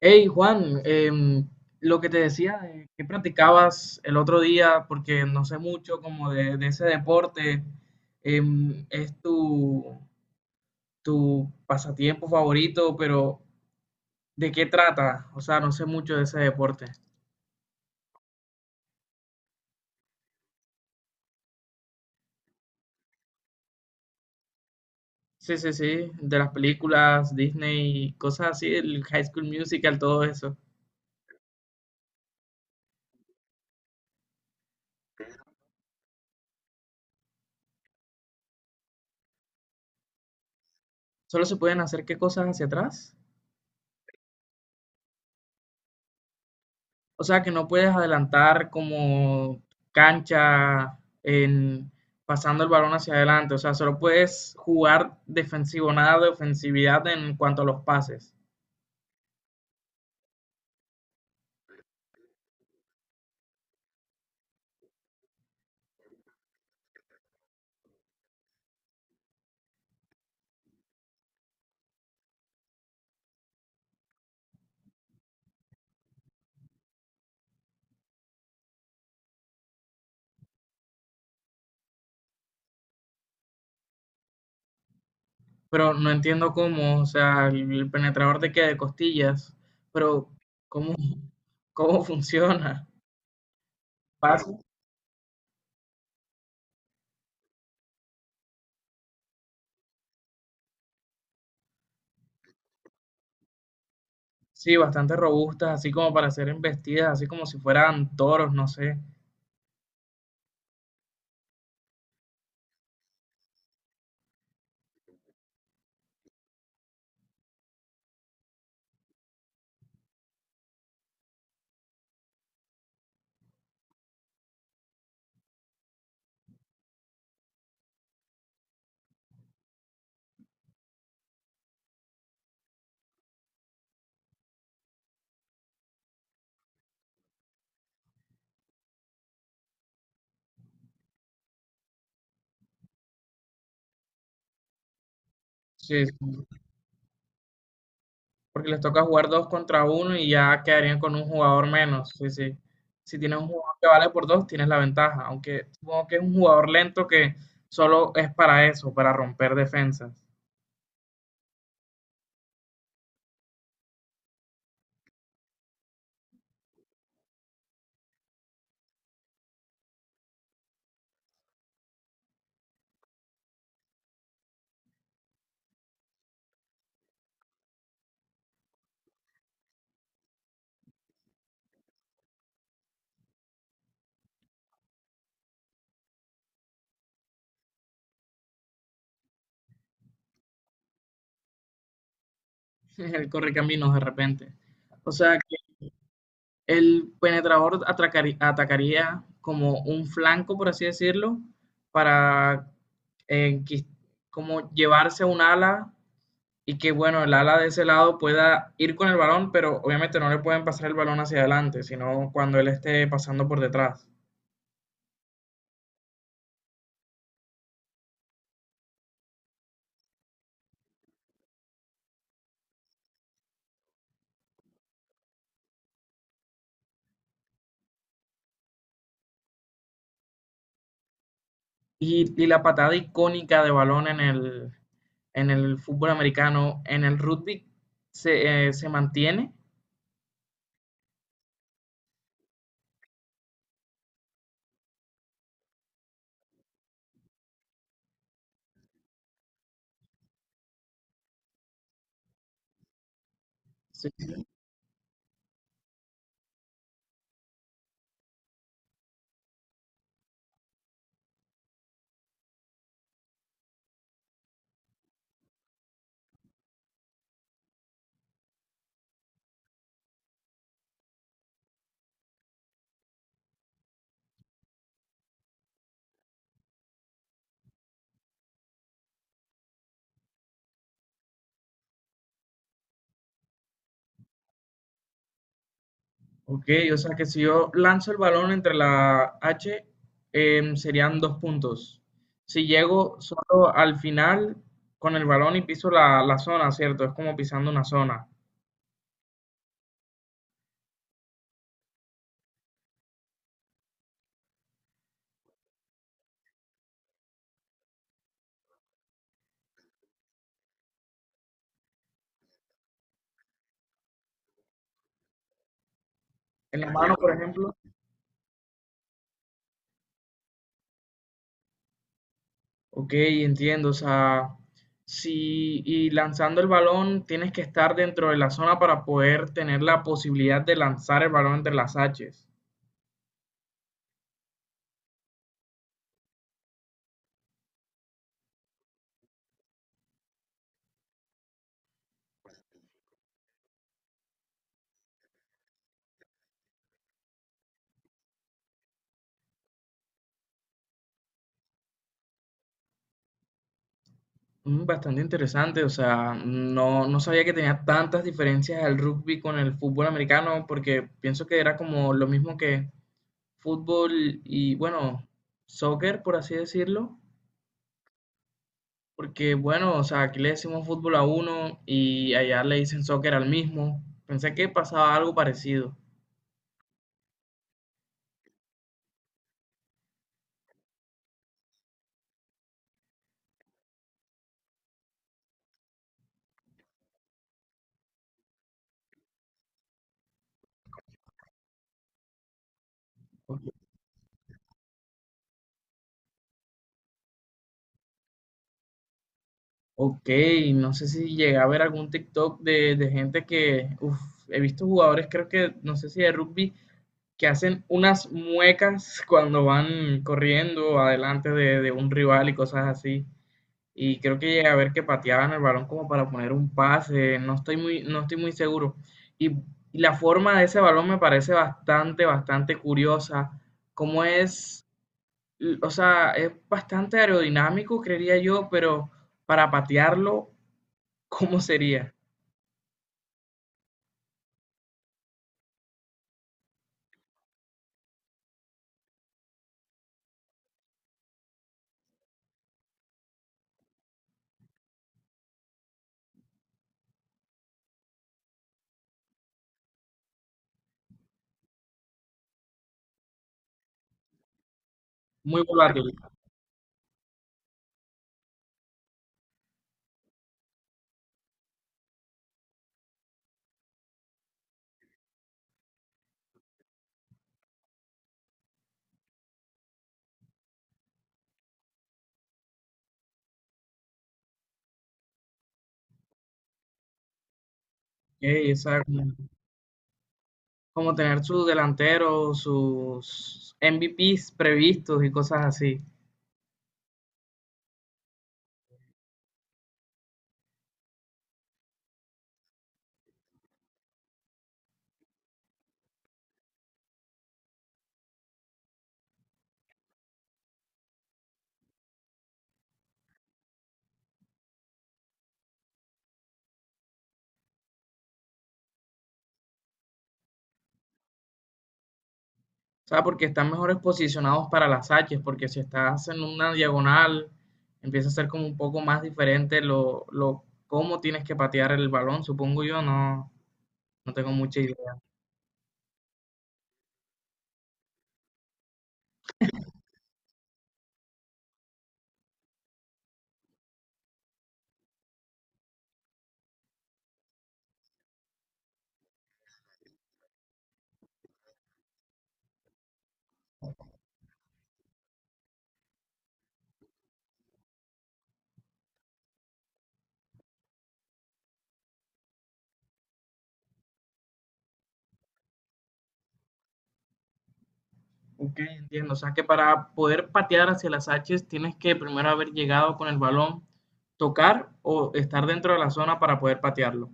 Hey Juan, lo que te decía, ¿qué practicabas el otro día? Porque no sé mucho como de ese deporte. ¿Es tu pasatiempo favorito? Pero ¿de qué trata? O sea, no sé mucho de ese deporte. Sí, sí, sí, de las películas, Disney, cosas así, el High School Musical, todo eso. ¿Solo se pueden hacer qué cosas hacia atrás? O sea que no puedes adelantar como cancha en pasando el balón hacia adelante. O sea, solo puedes jugar defensivo, nada de ofensividad en cuanto a los pases. Pero no entiendo cómo, o sea, el penetrador te queda de costillas, pero cómo, cómo funciona. Pases, sí, bastante robustas, así como para ser embestidas, así como si fueran toros, no sé. Sí, sí. Porque les toca jugar dos contra uno y ya quedarían con un jugador menos. Sí, sí. Si tienes un jugador que vale por dos, tienes la ventaja. Aunque supongo que es un jugador lento que solo es para eso, para romper defensas. Él corre caminos de repente. O sea que el penetrador atacaría como un flanco, por así decirlo, para eh, quis- como llevarse un ala y que bueno, el ala de ese lado pueda ir con el balón, pero obviamente no le pueden pasar el balón hacia adelante, sino cuando él esté pasando por detrás. Y la patada icónica de balón en en el fútbol americano, en el rugby, se mantiene. Sí. Ok, o sea que si yo lanzo el balón entre la H, serían dos puntos. Si llego solo al final con el balón y piso la zona, ¿cierto? Es como pisando una zona. En la mano, por ejemplo, Ok, entiendo. O sea, si y lanzando el balón tienes que estar dentro de la zona para poder tener la posibilidad de lanzar el balón entre las haches. Mm, bastante interesante, o sea, no sabía que tenía tantas diferencias el rugby con el fútbol americano, porque pienso que era como lo mismo que fútbol y, bueno, soccer, por así decirlo, porque, bueno, o sea, aquí le decimos fútbol a uno y allá le dicen soccer al mismo. Pensé que pasaba algo parecido. Ok. Ok, no sé si llegué a ver algún TikTok de gente que, uf, he visto jugadores, creo que, no sé si de rugby, que hacen unas muecas cuando van corriendo adelante de un rival y cosas así. Y creo que llegué a ver que pateaban el balón como para poner un pase, no estoy muy, no estoy muy seguro. Y la forma de ese balón me parece bastante, bastante curiosa. Como es, o sea, es bastante aerodinámico, creería yo, pero para patearlo ¿cómo sería? Muy volátil. Ey, o como, tener sus delanteros, sus MVPs previstos y cosas así. O sea, porque están mejores posicionados para las H, porque si estás en una diagonal, empieza a ser como un poco más diferente lo cómo tienes que patear el balón, supongo yo, no, no tengo mucha idea. Ok, entiendo. O sea, que para poder patear hacia las H tienes que primero haber llegado con el balón, tocar o estar dentro de la zona para poder patearlo.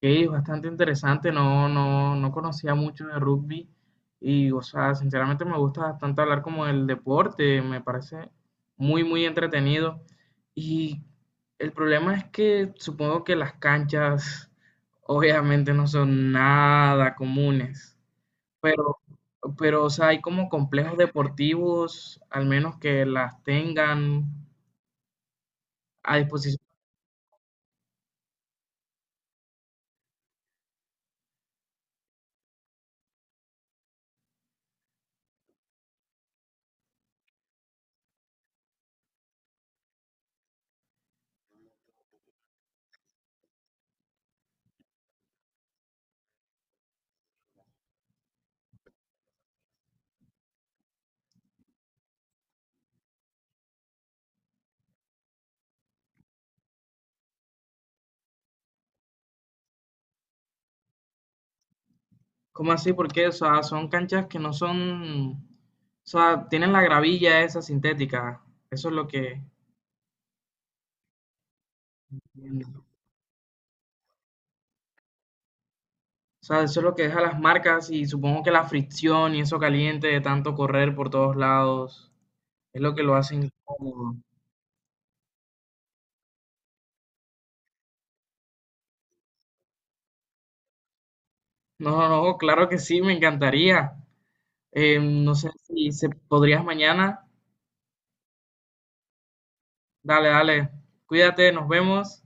Que es bastante interesante, no, no, no conocía mucho de rugby y, o sea, sinceramente me gusta bastante hablar como del deporte, me parece muy, muy entretenido y el problema es que supongo que las canchas obviamente no son nada comunes, pero, pero, o sea, hay como complejos deportivos, al menos que las tengan a disposición. ¿Cómo así? Porque, o sea, son canchas que no son, o sea, tienen la gravilla esa sintética. Eso es lo que, o sea, eso es lo que deja las marcas y supongo que la fricción y eso caliente de tanto correr por todos lados es lo que lo hace incómodo. No, no, no, claro que sí, me encantaría. No sé si se podrías mañana. Dale, dale. Cuídate, nos vemos.